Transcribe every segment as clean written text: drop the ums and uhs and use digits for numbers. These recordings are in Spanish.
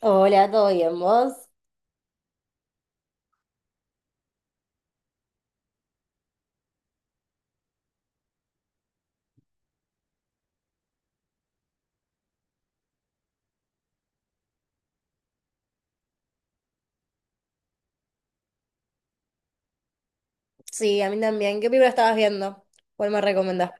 Hola, ¿todo bien vos? Sí, a mí también. ¿Qué película estabas viendo? ¿Cuál me recomendás?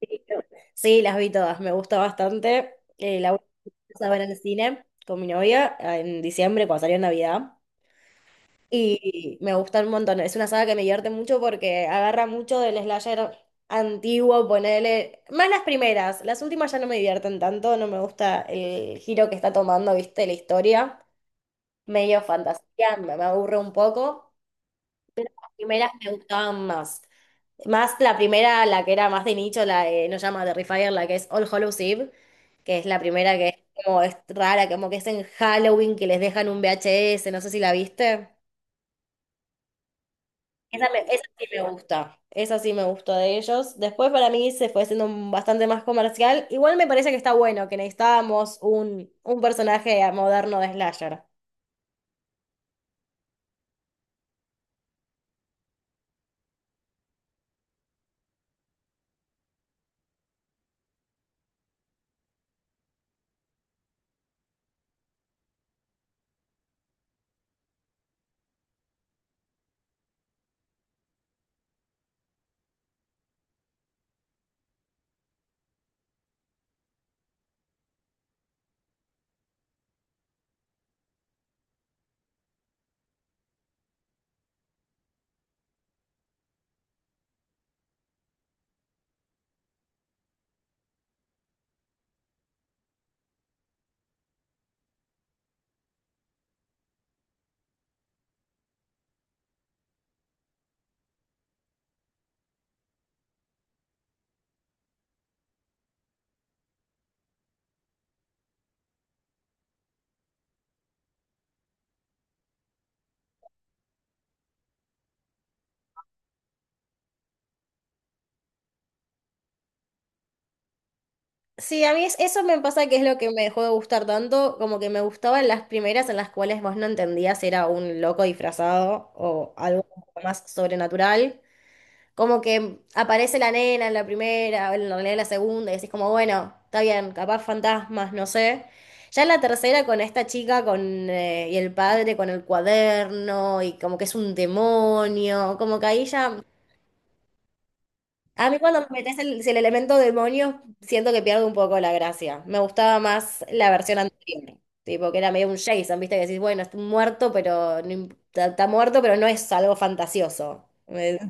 Sí, sí, las vi todas, me gusta bastante. La última a ver en el cine con mi novia en diciembre, cuando salió Navidad. Y me gusta un montón. Es una saga que me divierte mucho porque agarra mucho del slasher antiguo, ponele. Más las primeras, las últimas ya no me divierten tanto, no me gusta el giro que está tomando, viste, la historia. Medio fantasía, me aburre un poco. Las primeras me gustaban más. Más la primera, la que era más de nicho, la de No llama Terrifier, la que es All Hallows Eve, que es la primera que es como es rara, como que es en Halloween que les dejan un VHS, no sé si la viste. Esa, esa sí me gusta, esa sí me gustó de ellos. Después para mí se fue siendo bastante más comercial. Igual me parece que está bueno, que necesitábamos un personaje moderno de Slasher. Sí, a mí eso me pasa que es lo que me dejó de gustar tanto, como que me gustaban las primeras en las cuales vos no entendías si era un loco disfrazado o algo un poco más sobrenatural. Como que aparece la nena en la primera, en realidad en la segunda, y decís como, bueno, está bien, capaz fantasmas, no sé. Ya en la tercera con esta chica con, y el padre con el cuaderno, y como que es un demonio, como que ahí ya a mí cuando me metes el, si el elemento demonio, siento que pierdo un poco la gracia. Me gustaba más la versión anterior, tipo que era medio un Jason, viste que decís, bueno, está muerto, pero no imp- está, está muerto, pero no es algo fantasioso. Es,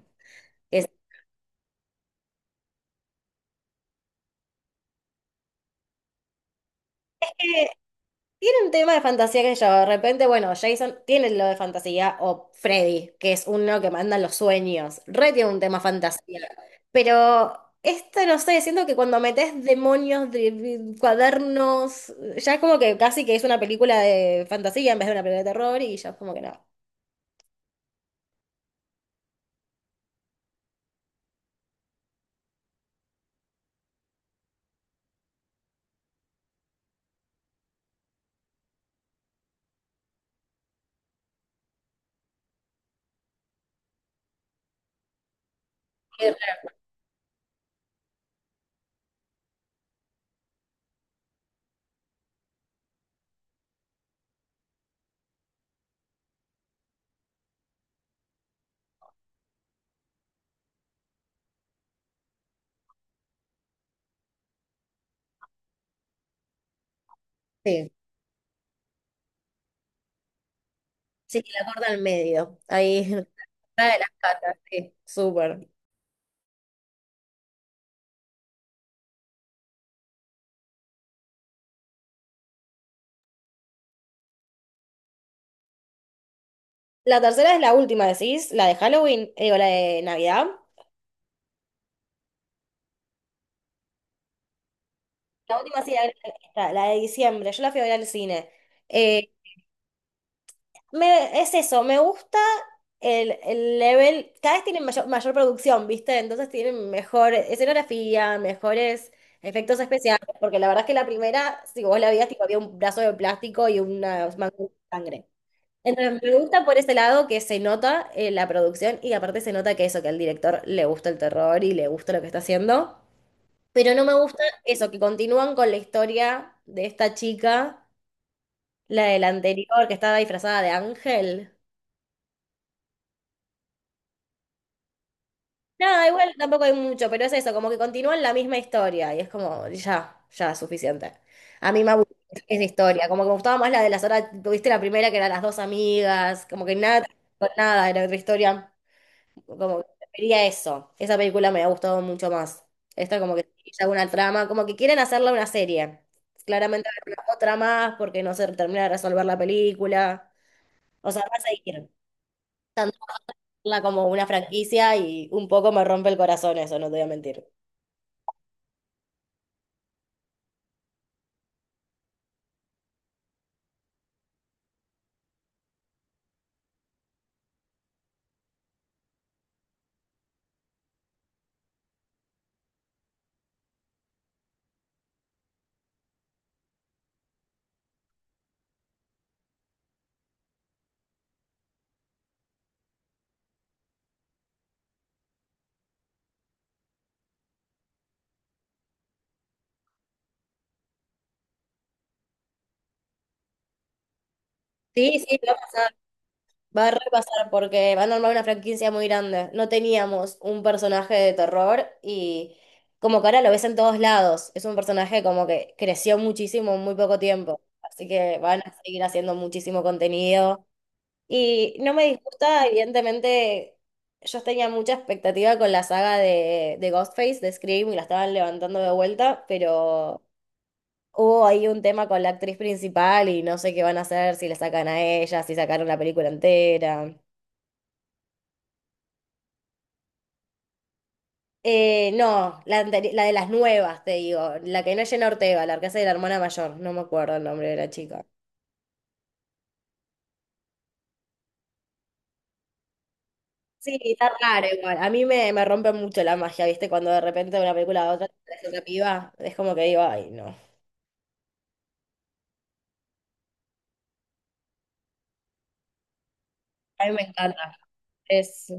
tiene un tema de fantasía que yo, de repente, bueno, Jason tiene lo de fantasía, o Freddy, que es uno que manda los sueños, re tiene un tema fantasía. Pero esto, no sé, siento que cuando metes demonios de cuadernos, ya es como que casi que es una película de fantasía en vez de una película de terror, y ya es como que no. Sí, sí, que la corta al medio, ahí, la de las patas, sí, súper. La tercera es la última, decís, la de Halloween, o la de Navidad. La última sí, la, esta, la de diciembre, yo la fui a ver al cine. Eh, es eso, me gusta el level, cada vez tienen mayor, mayor producción, ¿viste? Entonces tienen mejor escenografía, mejores efectos especiales, porque la verdad es que la primera, si vos la veías, tipo, había un brazo de plástico y una manga de sangre. Entonces me gusta por ese lado que se nota la producción y aparte se nota que eso, que al director le gusta el terror y le gusta lo que está haciendo. Pero no me gusta eso, que continúan con la historia de esta chica, la del anterior, que estaba disfrazada de ángel. Nada, igual tampoco hay mucho, pero es eso, como que continúan la misma historia y es como, ya, ya, suficiente. A mí me aburre esa historia, como que me gustaba más la de las horas, viste la primera que eran las dos amigas, como que nada, con nada, era otra historia. Como que prefería eso. Esa película me ha gustado mucho más. Esta como que es una trama, como que quieren hacerla una serie. Claramente habrá una otra más porque no se termina de resolver la película. O sea, va a seguir. Tanto hacerla como una franquicia y un poco me rompe el corazón eso, no te voy a mentir. Sí, sí, va a pasar. Va a repasar porque van a armar una franquicia muy grande. No teníamos un personaje de terror y como que ahora lo ves en todos lados. Es un personaje como que creció muchísimo en muy poco tiempo. Así que van a seguir haciendo muchísimo contenido. Y no me disgusta, evidentemente, yo tenía mucha expectativa con la saga de Ghostface, de Scream, y la estaban levantando de vuelta, pero hubo ahí un tema con la actriz principal y no sé qué van a hacer, si le sacan a ella, si sacaron la película entera. No, la, la de las nuevas, te digo. La que no es Jenna Ortega, la que hace de la hermana mayor. No me acuerdo el nombre de la chica. Sí, está raro igual. A mí me, me rompe mucho la magia, ¿viste? Cuando de repente de una película a otra te aparece otra piba. Es como que digo, ay, no. A mí me encanta. Es...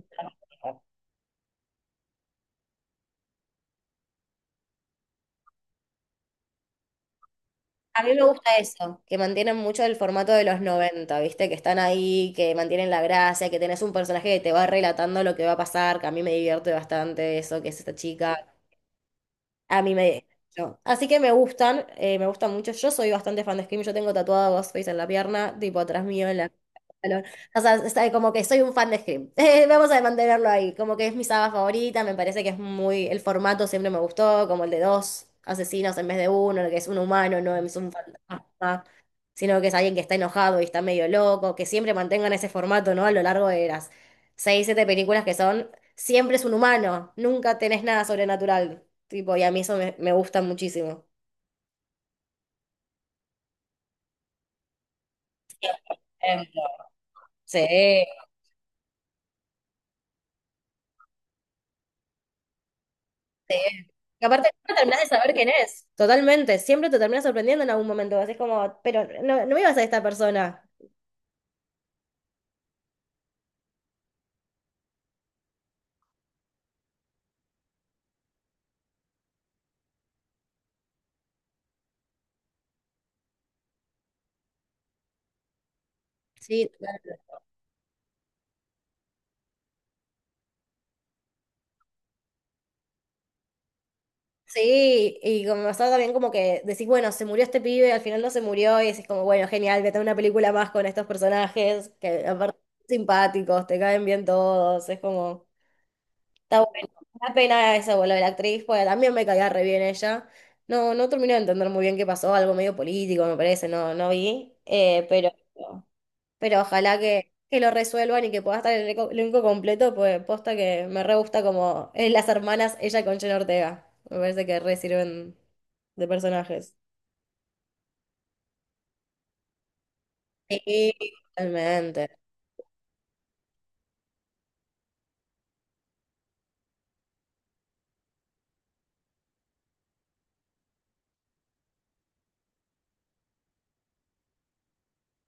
A mí me gusta eso, que mantienen mucho el formato de los 90, ¿viste? Que están ahí, que mantienen la gracia, que tenés un personaje que te va relatando lo que va a pasar, que a mí me divierte bastante eso, que es esta chica. A mí me... no. Así que me gustan mucho. Yo soy bastante fan de Scream. Yo tengo tatuado a Ghostface en la pierna, tipo atrás mío en la... O sea, como que soy un fan de Scream. Vamos a mantenerlo ahí. Como que es mi saga favorita, me parece que es muy... El formato siempre me gustó, como el de dos asesinos en vez de uno, el que es un humano, no es un fantasma, sino que es alguien que está enojado y está medio loco, que siempre mantengan ese formato, ¿no? A lo largo de las seis, siete películas que son, siempre es un humano, nunca tenés nada sobrenatural. Tipo, y a mí eso me, me gusta muchísimo. Em, Sí, sí. Y aparte, nunca terminás de saber quién es. Totalmente, siempre te terminas sorprendiendo en algún momento. Así es como, pero no, no ibas a esta persona. Sí, totalmente. Sí, y como está también como que decís, bueno, se murió este pibe, al final no se murió, y decís como, bueno, genial, vete a una película más con estos personajes, que aparte son simpáticos, te caen bien todos, es como... Está bueno. Una pena ese vuelo de la actriz, porque también me caía re bien ella. No, no terminé de entender muy bien qué pasó, algo medio político, me parece, no, no vi. Pero ojalá que lo resuelvan y que pueda estar el elenco completo, pues posta que me re gusta como las hermanas, ella con Jenna Ortega. Me parece que re sirven de personajes. Sí, totalmente.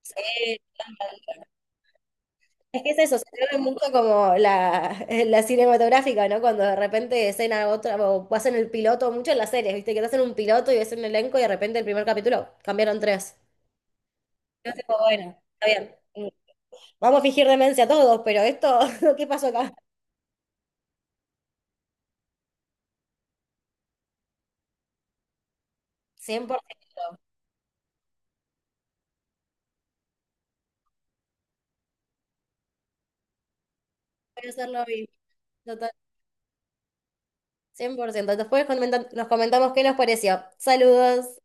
Sí, es que es eso, se ve mucho como la, la cinematográfica, ¿no? Cuando de repente escena otra, o hacen el piloto, mucho en las series, ¿viste? Que te hacen un piloto y ves un elenco y de repente el primer capítulo cambiaron tres. Yo digo, bueno, está bien. Mm, vamos a fingir demencia todos, pero esto, ¿qué pasó acá? 100 por ciento. Voy a hacerlo hoy. Total, 100 por ciento. Después nos comentamos qué nos pareció. Saludos.